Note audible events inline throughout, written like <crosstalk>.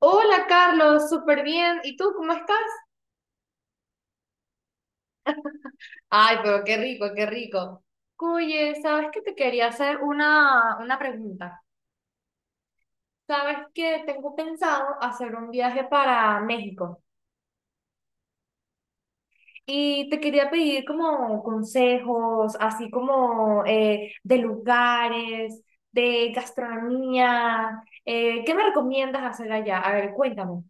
Hola Carlos, súper bien. ¿Y tú cómo estás? Ay, pero qué rico, qué rico. Oye, ¿sabes que te quería hacer una pregunta? ¿Sabes que tengo pensado hacer un viaje para México? Y te quería pedir como consejos, así como de lugares, de gastronomía. ¿Qué me recomiendas hacer allá? A ver, cuéntame.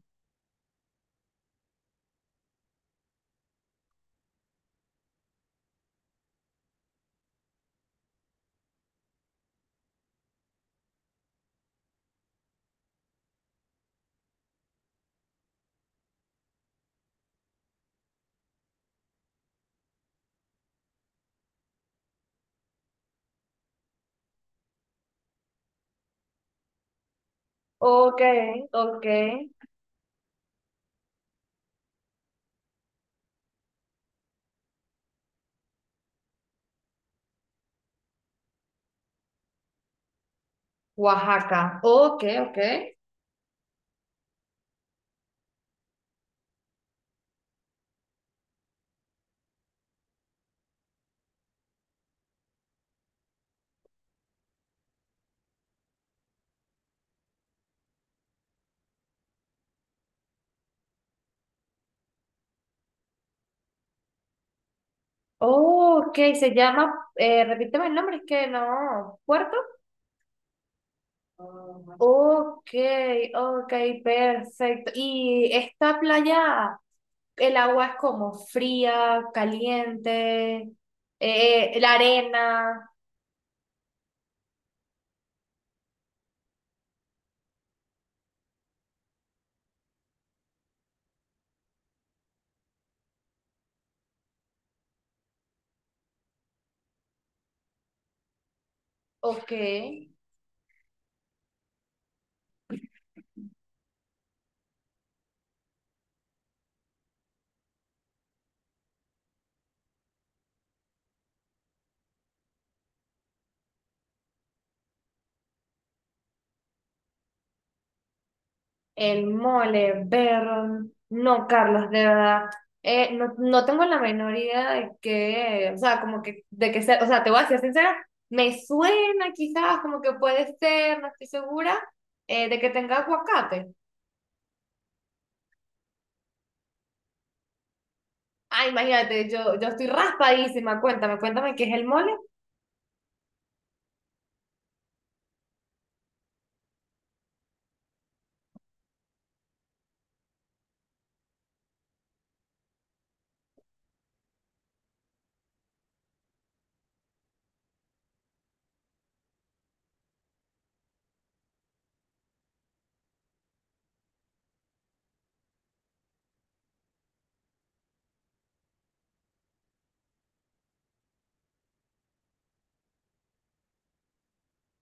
Ok, ok. Oaxaca. Ok, ok. Oh, ok, se llama, repíteme el nombre, es que no, ¿Puerto? Ok, ok, perfecto. ¿Y esta playa, el agua es como fría, caliente, la arena? Ok. El mole, Vernon, no, Carlos, de verdad, no, no tengo la menor idea de qué, o sea, como que, de que sea, o sea, te voy a ser sincera, me suena quizás como que puede ser, no estoy segura, de que tenga aguacate. Ah, imagínate, yo estoy raspadísima, cuéntame, cuéntame qué es el mole.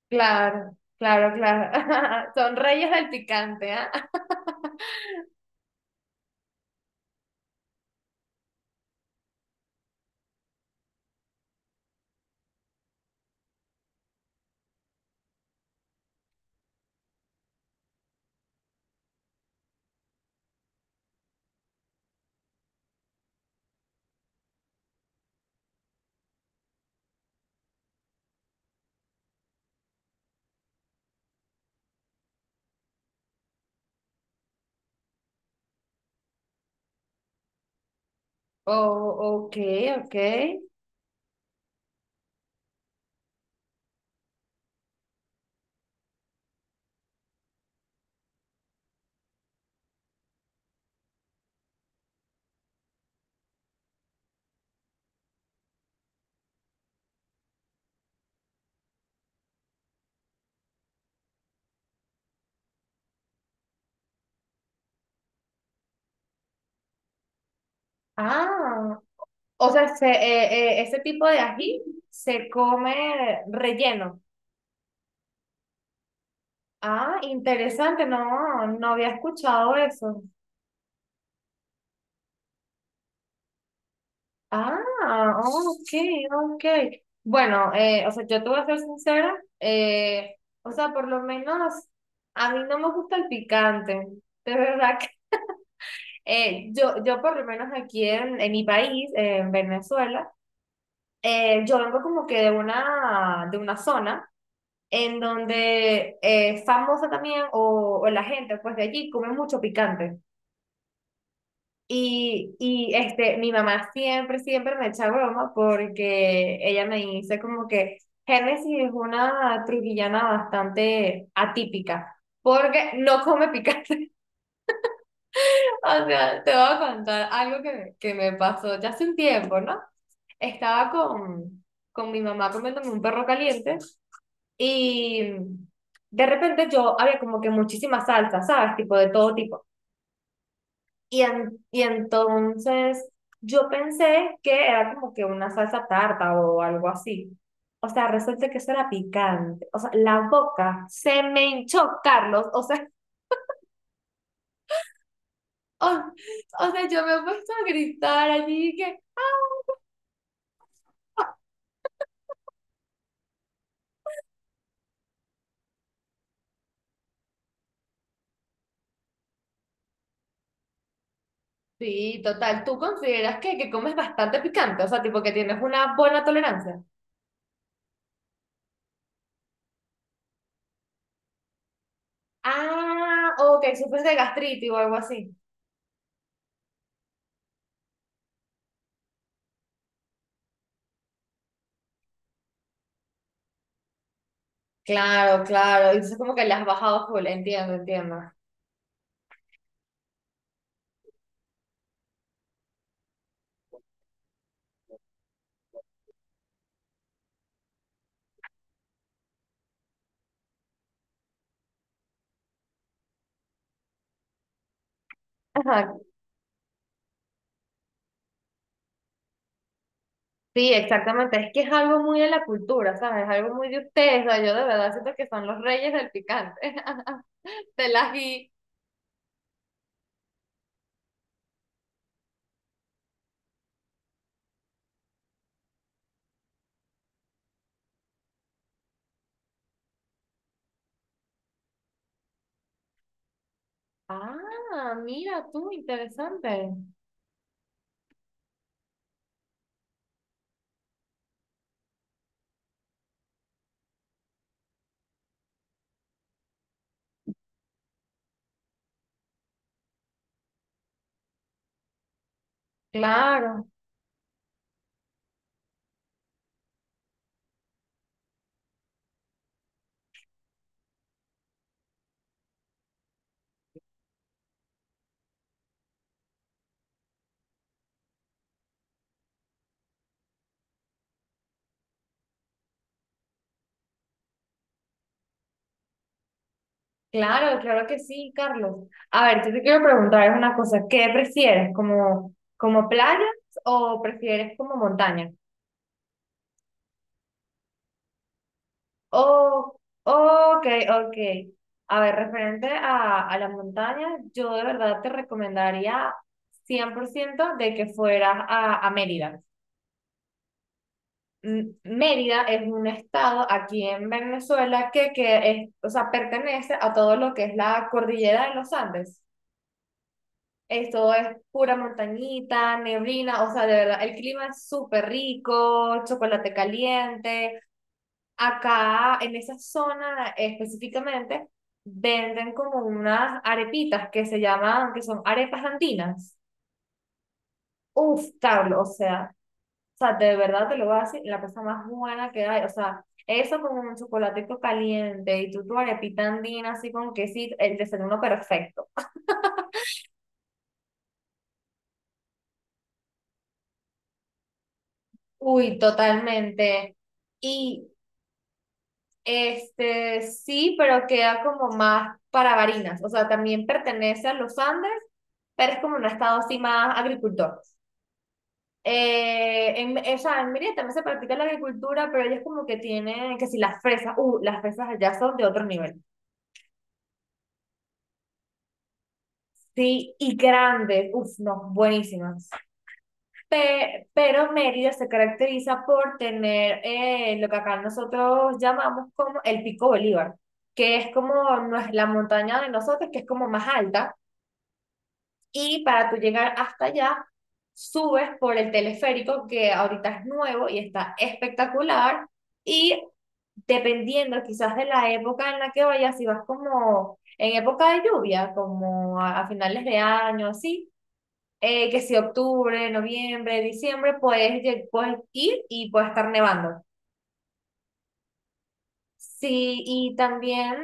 Claro, claro, claro, <laughs> son reyes del picante, ¿ah? <laughs> Oh, ok, ok. Ah, o sea, se- ese tipo de ají se come relleno. Ah, interesante, no, no había escuchado eso. Ah, ok, ok. Bueno, o sea, yo te voy a ser sincera, eh, o sea, por lo menos a mí no me gusta el picante, de verdad que yo, yo por lo menos aquí en, mi país, en Venezuela, yo vengo como que de una zona en donde es famosa también, o la gente pues de allí come mucho picante. Este, mi mamá siempre, siempre me echa broma porque ella me dice como que Génesis es una trujillana bastante atípica porque no come picante. <laughs> O sea, te voy a contar algo que me pasó ya hace un tiempo, ¿no? Estaba con mi mamá comiéndome un perro caliente y de repente yo había como que muchísimas salsas, ¿sabes? Tipo de todo tipo. Y, en- y entonces yo pensé que era como que una salsa tarta o algo así. O sea, resulta que eso era picante. O sea, la boca se me hinchó, Carlos. O sea, <laughs> o, o sea, yo me he puesto a gritar allí que, sí, total, ¿tú consideras que comes bastante picante? O sea, tipo que tienes una buena tolerancia. Ah, o que sufres de gastritis o algo así. Claro, claro. Y entonces como que le has bajado full, entiendo, entiendo. Ajá, sí, exactamente. Es que es algo muy de la cultura, ¿sabes? Es algo muy de ustedes. O sea, yo de verdad siento que son los reyes del picante, <laughs> del ají. Ah, mira tú, interesante. Claro, claro, claro que sí, Carlos. A ver, yo te quiero preguntar una cosa. ¿Qué prefieres, como, como playas o prefieres como montaña? Oh, ok, ok. A ver, referente a la montaña, yo de verdad te recomendaría 100% de que fueras a Mérida. M- Mérida es un estado aquí en Venezuela que es, o sea, pertenece a todo lo que es la cordillera de los Andes. Esto es pura montañita, neblina, o sea, de verdad, el clima es súper rico, chocolate caliente. Acá en esa zona específicamente venden como unas arepitas que se llaman, que son arepas andinas. Uf, Carlos, o sea, de verdad te lo voy a decir, la cosa más buena que hay, o sea, eso con un chocolatico caliente y tú tu arepita andina así con quesito, el desayuno perfecto. Uy, totalmente. Y este, sí, pero queda como más para Barinas, o sea, también pertenece a los Andes, pero es como un estado así más agricultor. O sea, en Mérida también se practica la agricultura, pero ellos como que tienen, que si las fresas, las fresas allá son de otro nivel. Sí, y grandes, uff, no, buenísimas. Pe- pero Mérida se caracteriza por tener lo que acá nosotros llamamos como el Pico Bolívar, que es como nues- la montaña de nosotros, que es como más alta, y para tú llegar hasta allá, subes por el teleférico, que ahorita es nuevo y está espectacular, y dependiendo quizás de la época en la que vayas, si vas como en época de lluvia, como a finales de año, así, que si octubre, noviembre, diciembre, puedes, lle- puedes ir y puede estar nevando. Sí, y también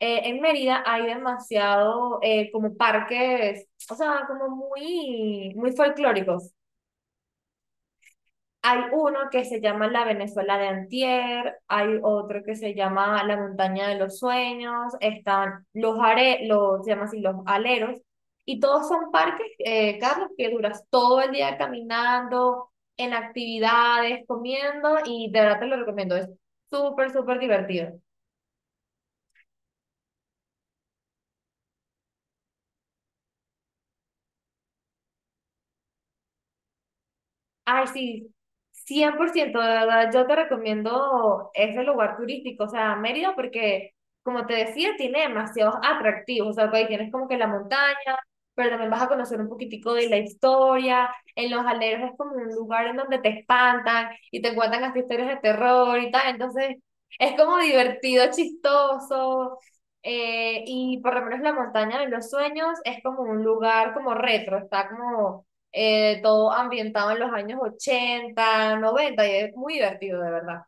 en Mérida hay demasiado como parques, o sea, como muy, muy folclóricos. Hay uno que se llama La Venezuela de Antier, hay otro que se llama La Montaña de los Sueños, están los, are, los, se llama así, los aleros, y todos son parques, Carlos, que duras todo el día caminando, en actividades, comiendo, y de verdad te lo recomiendo, es súper, súper divertido. Ay, sí, 100%, de verdad, yo te recomiendo ese lugar turístico, o sea, Mérida, porque, como te decía, tiene demasiados atractivos, o sea, pues, ahí tienes como que la montaña, pero también vas a conocer un poquitico de la historia, en Los Aleros es como un lugar en donde te espantan y te cuentan hasta historias de terror y tal, entonces es como divertido, chistoso, y por lo menos la montaña de los sueños es como un lugar como retro, está como todo ambientado en los años 80, 90, y es muy divertido, de verdad.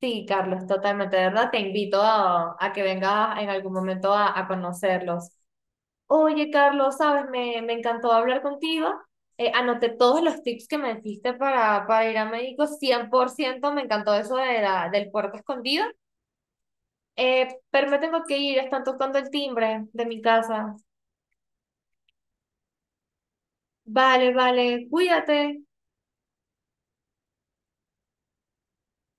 Sí, Carlos, totalmente, de verdad, te invito a que vengas en algún momento a conocerlos. Oye, Carlos, sabes, me encantó hablar contigo. Anoté todos los tips que me diste para ir a México, 100%, me encantó eso de la, del puerto escondido. Pero me tengo que ir, están tocando el timbre de mi casa. Vale, vale, cuídate.